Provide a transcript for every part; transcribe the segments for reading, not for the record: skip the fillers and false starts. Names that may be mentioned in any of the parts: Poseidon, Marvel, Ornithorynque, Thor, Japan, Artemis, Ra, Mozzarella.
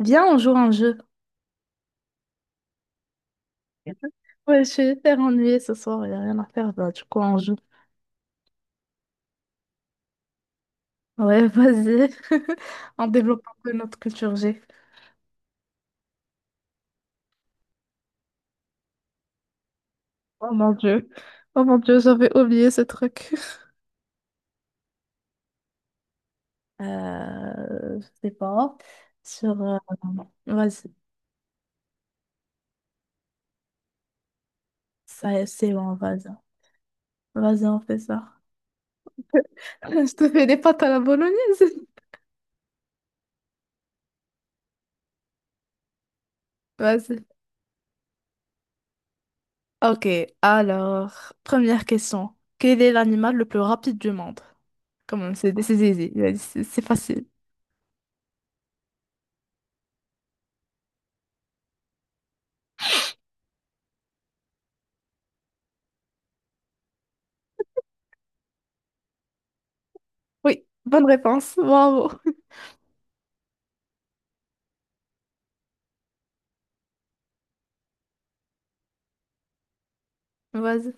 Viens, on joue à un jeu. Ouais, je suis hyper ennuyée ce soir, il n'y a rien à faire, bah, du coup, on joue. Ouais, vas-y. On développe un peu notre culture G. Oh mon Dieu. Oh mon Dieu, j'avais oublié ce truc. Je sais pas. Sur. Vas-y. Ça, c'est bon, vas-y. Vas-y, on fait ça. Je te fais des pâtes à la bolognaise. Vas-y. Ok, alors, première question. Quel est l'animal le plus rapide du monde? Comment c'est easy, c'est facile. Oui, bonne réponse. Bravo. Vas-y.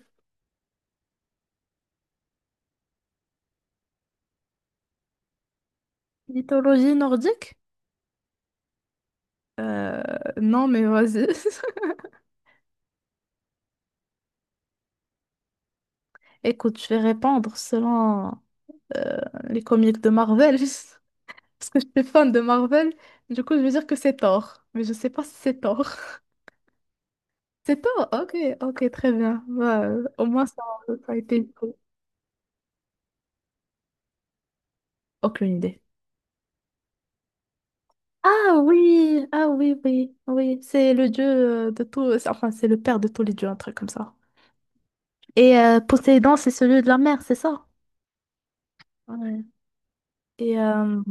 Mythologie nordique? Non, mais vas-y. Écoute, je vais répondre selon euh, les comics de Marvel, parce que je suis fan de Marvel. Du coup, je vais dire que c'est Thor, mais je sais pas si c'est Thor. C'est Thor? Ok, ok, très bien. Bah, au moins, ça a été... Aucune idée. Ah oui, ah oui, oui, oui. C'est le dieu de tout... Enfin, c'est le père de tous les dieux, un truc comme ça. Et Poséidon, c'est celui de la mer, c'est ça? Ouais. Et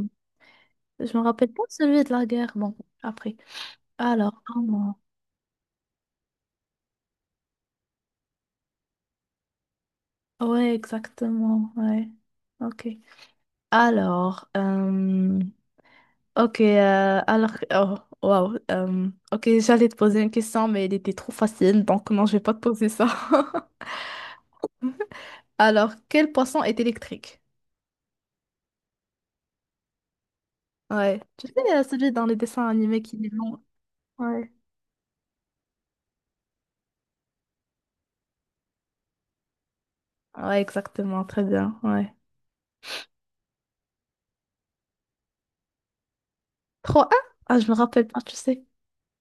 je me rappelle pas de celui de la guerre. Bon, après. Alors, ah non. Ouais, exactement. Ouais. Ok. Alors, ok. Alors, oh, wow. Ok, j'allais te poser une question, mais elle était trop facile, donc non, je vais pas te poser ça. Alors, quel poisson est électrique? Ouais. Tu sais, celui dans les dessins animés qui est long. Ouais. Ouais, exactement. Très bien. Ouais. Trois un. Ah, je me rappelle pas, tu sais.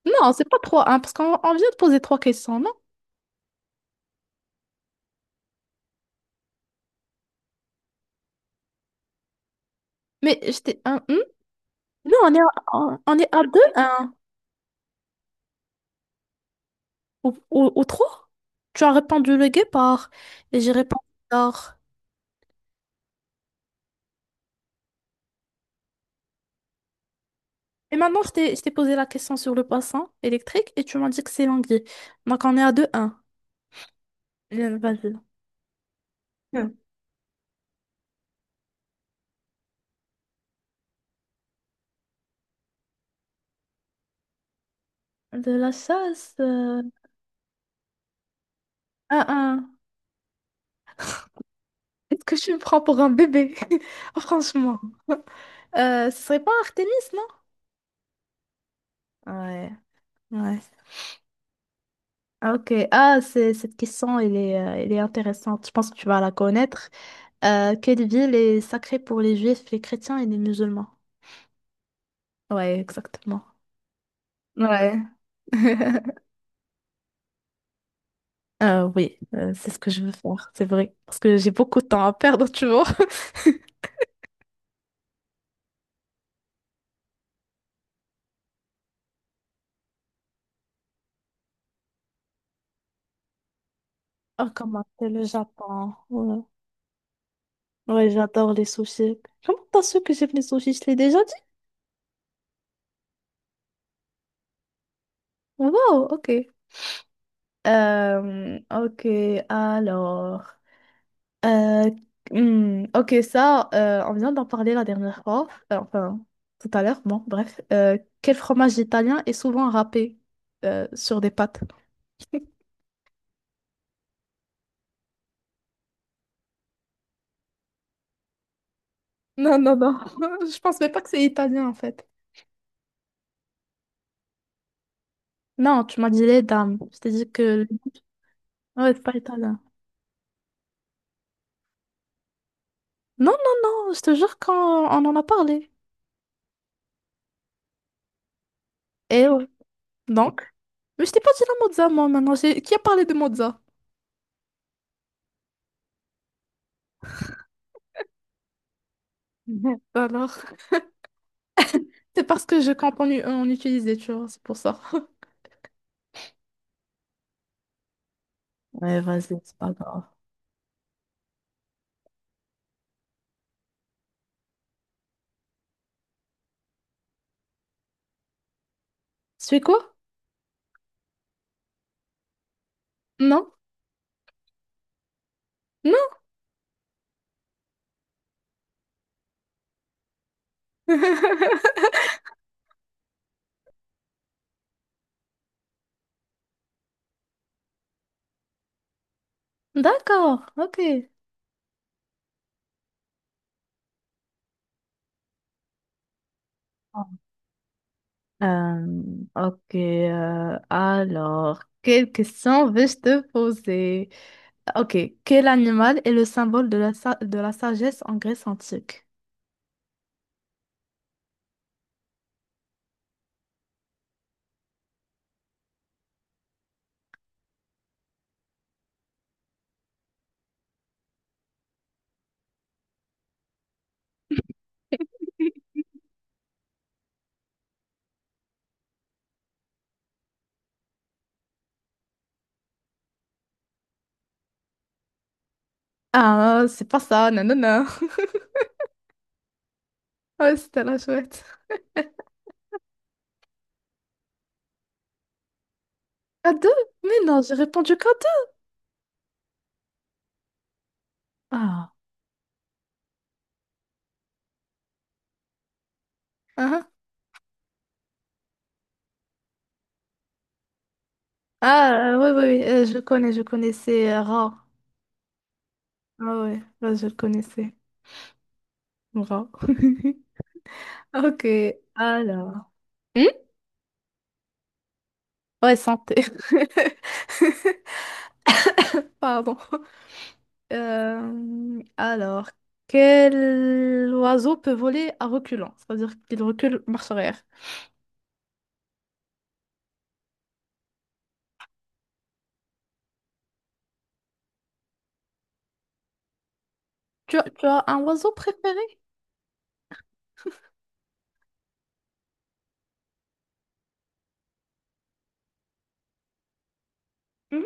Non, c'est pas trois un parce qu'on on vient de poser trois questions. Mais j'étais un. Hmm. Non, on est à, on est à deux, un ou trois. Tu as répondu le guépard et j'ai répondu l'or. Et maintenant, je t'ai posé la question sur le poisson électrique et tu m'as dit que c'est l'anguille. Donc, on est à deux, un. Vas-y. Hmm. De la chasse. Euh, un, un. Est-ce que tu me prends pour un bébé? Franchement. Ce serait pas Artemis, non? Ouais, ouais. Ah, ok. Ah, c'est, cette question, elle est intéressante. Je pense que tu vas la connaître. Quelle ville est sacrée pour les juifs, les chrétiens et les musulmans? Ouais, exactement. Ouais. Oui, c'est ce que je veux faire, c'est vrai. Parce que j'ai beaucoup de temps à perdre, tu vois. Oh, comment c'est le Japon? Ouais. Ouais, j'adore les sushis. Comment t'as su que j'aime les sushis? Je l'ai déjà dit? Wow, ok. Ok, alors. Euh, ok, ça, on vient d'en parler la dernière fois, enfin tout à l'heure, bon, bref. Quel fromage italien est souvent râpé sur des pâtes? Non, non, non, je pense même pas que c'est italien en fait. Non, tu m'as dit les dames, je t'ai dit que... Ouais, c'est pas italien. Non, non, non, je te jure qu'on on en a parlé. Et ouais. Donc? Mais je t'ai pas dit la mozza, moi, maintenant. J'ai- Qui a parlé de mozza? Mhm. Alors, c'est parce que je compte en, u- en utiliser, tu vois, c'est pour ça. Ouais, vas-y, c'est pas grave. C'est quoi? Non? Non? D'accord, ok. Euh, ok, alors, quelle question vais-je te poser? Ok, quel animal est le symbole de la, sa- de la sagesse en Grèce antique? Ah, c'est pas ça, non, non, non. Ouais, c'était la chouette. À deux? Mais non, j'ai répondu qu'à deux. Ah, ah, ah, oui, oui, oui, je connais, je connaissais Ra. Ah, ouais, ouais, je le connaissais, Ra. Ok, alors. Hmm. Ouais, santé. Pardon. Alors, quel oiseau peut voler à reculant? C'est-à-dire qu'il recule marche arrière. Tu as un oiseau préféré? Hmm.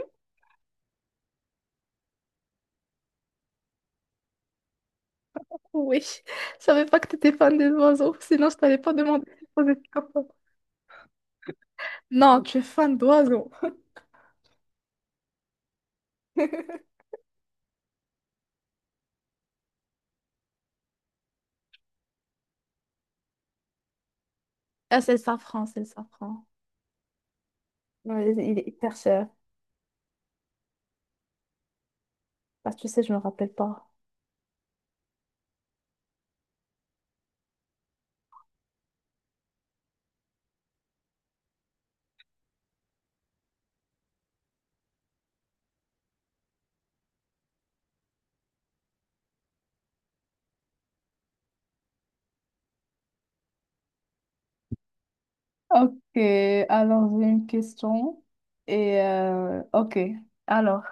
Oui. Je savais pas que tu étais fan des oiseaux, sinon je t'avais pas demandé de poser cette question. Non, tu es fan d'oiseaux. Ah, c'est le safran, c'est le safran. Ouais, il est hyper cher. Bah, tu sais, je me rappelle pas. Ok, alors j'ai une question. Et ok, alors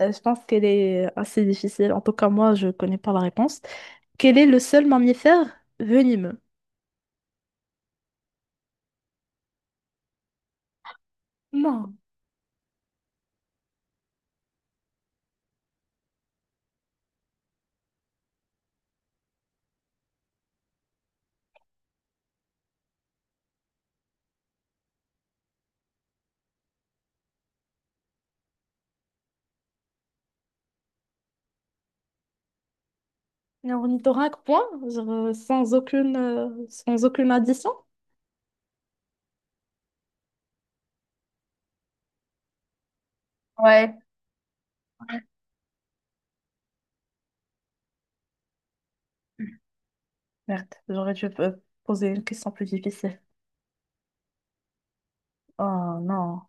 je pense qu'elle est assez difficile. En tout cas, moi, je connais pas la réponse. Quel est le seul mammifère venimeux? Non, un ornithorynque, point, genre, sans aucune, sans aucune addition. Ouais. Merde, j'aurais dû poser une question plus difficile. Oh non.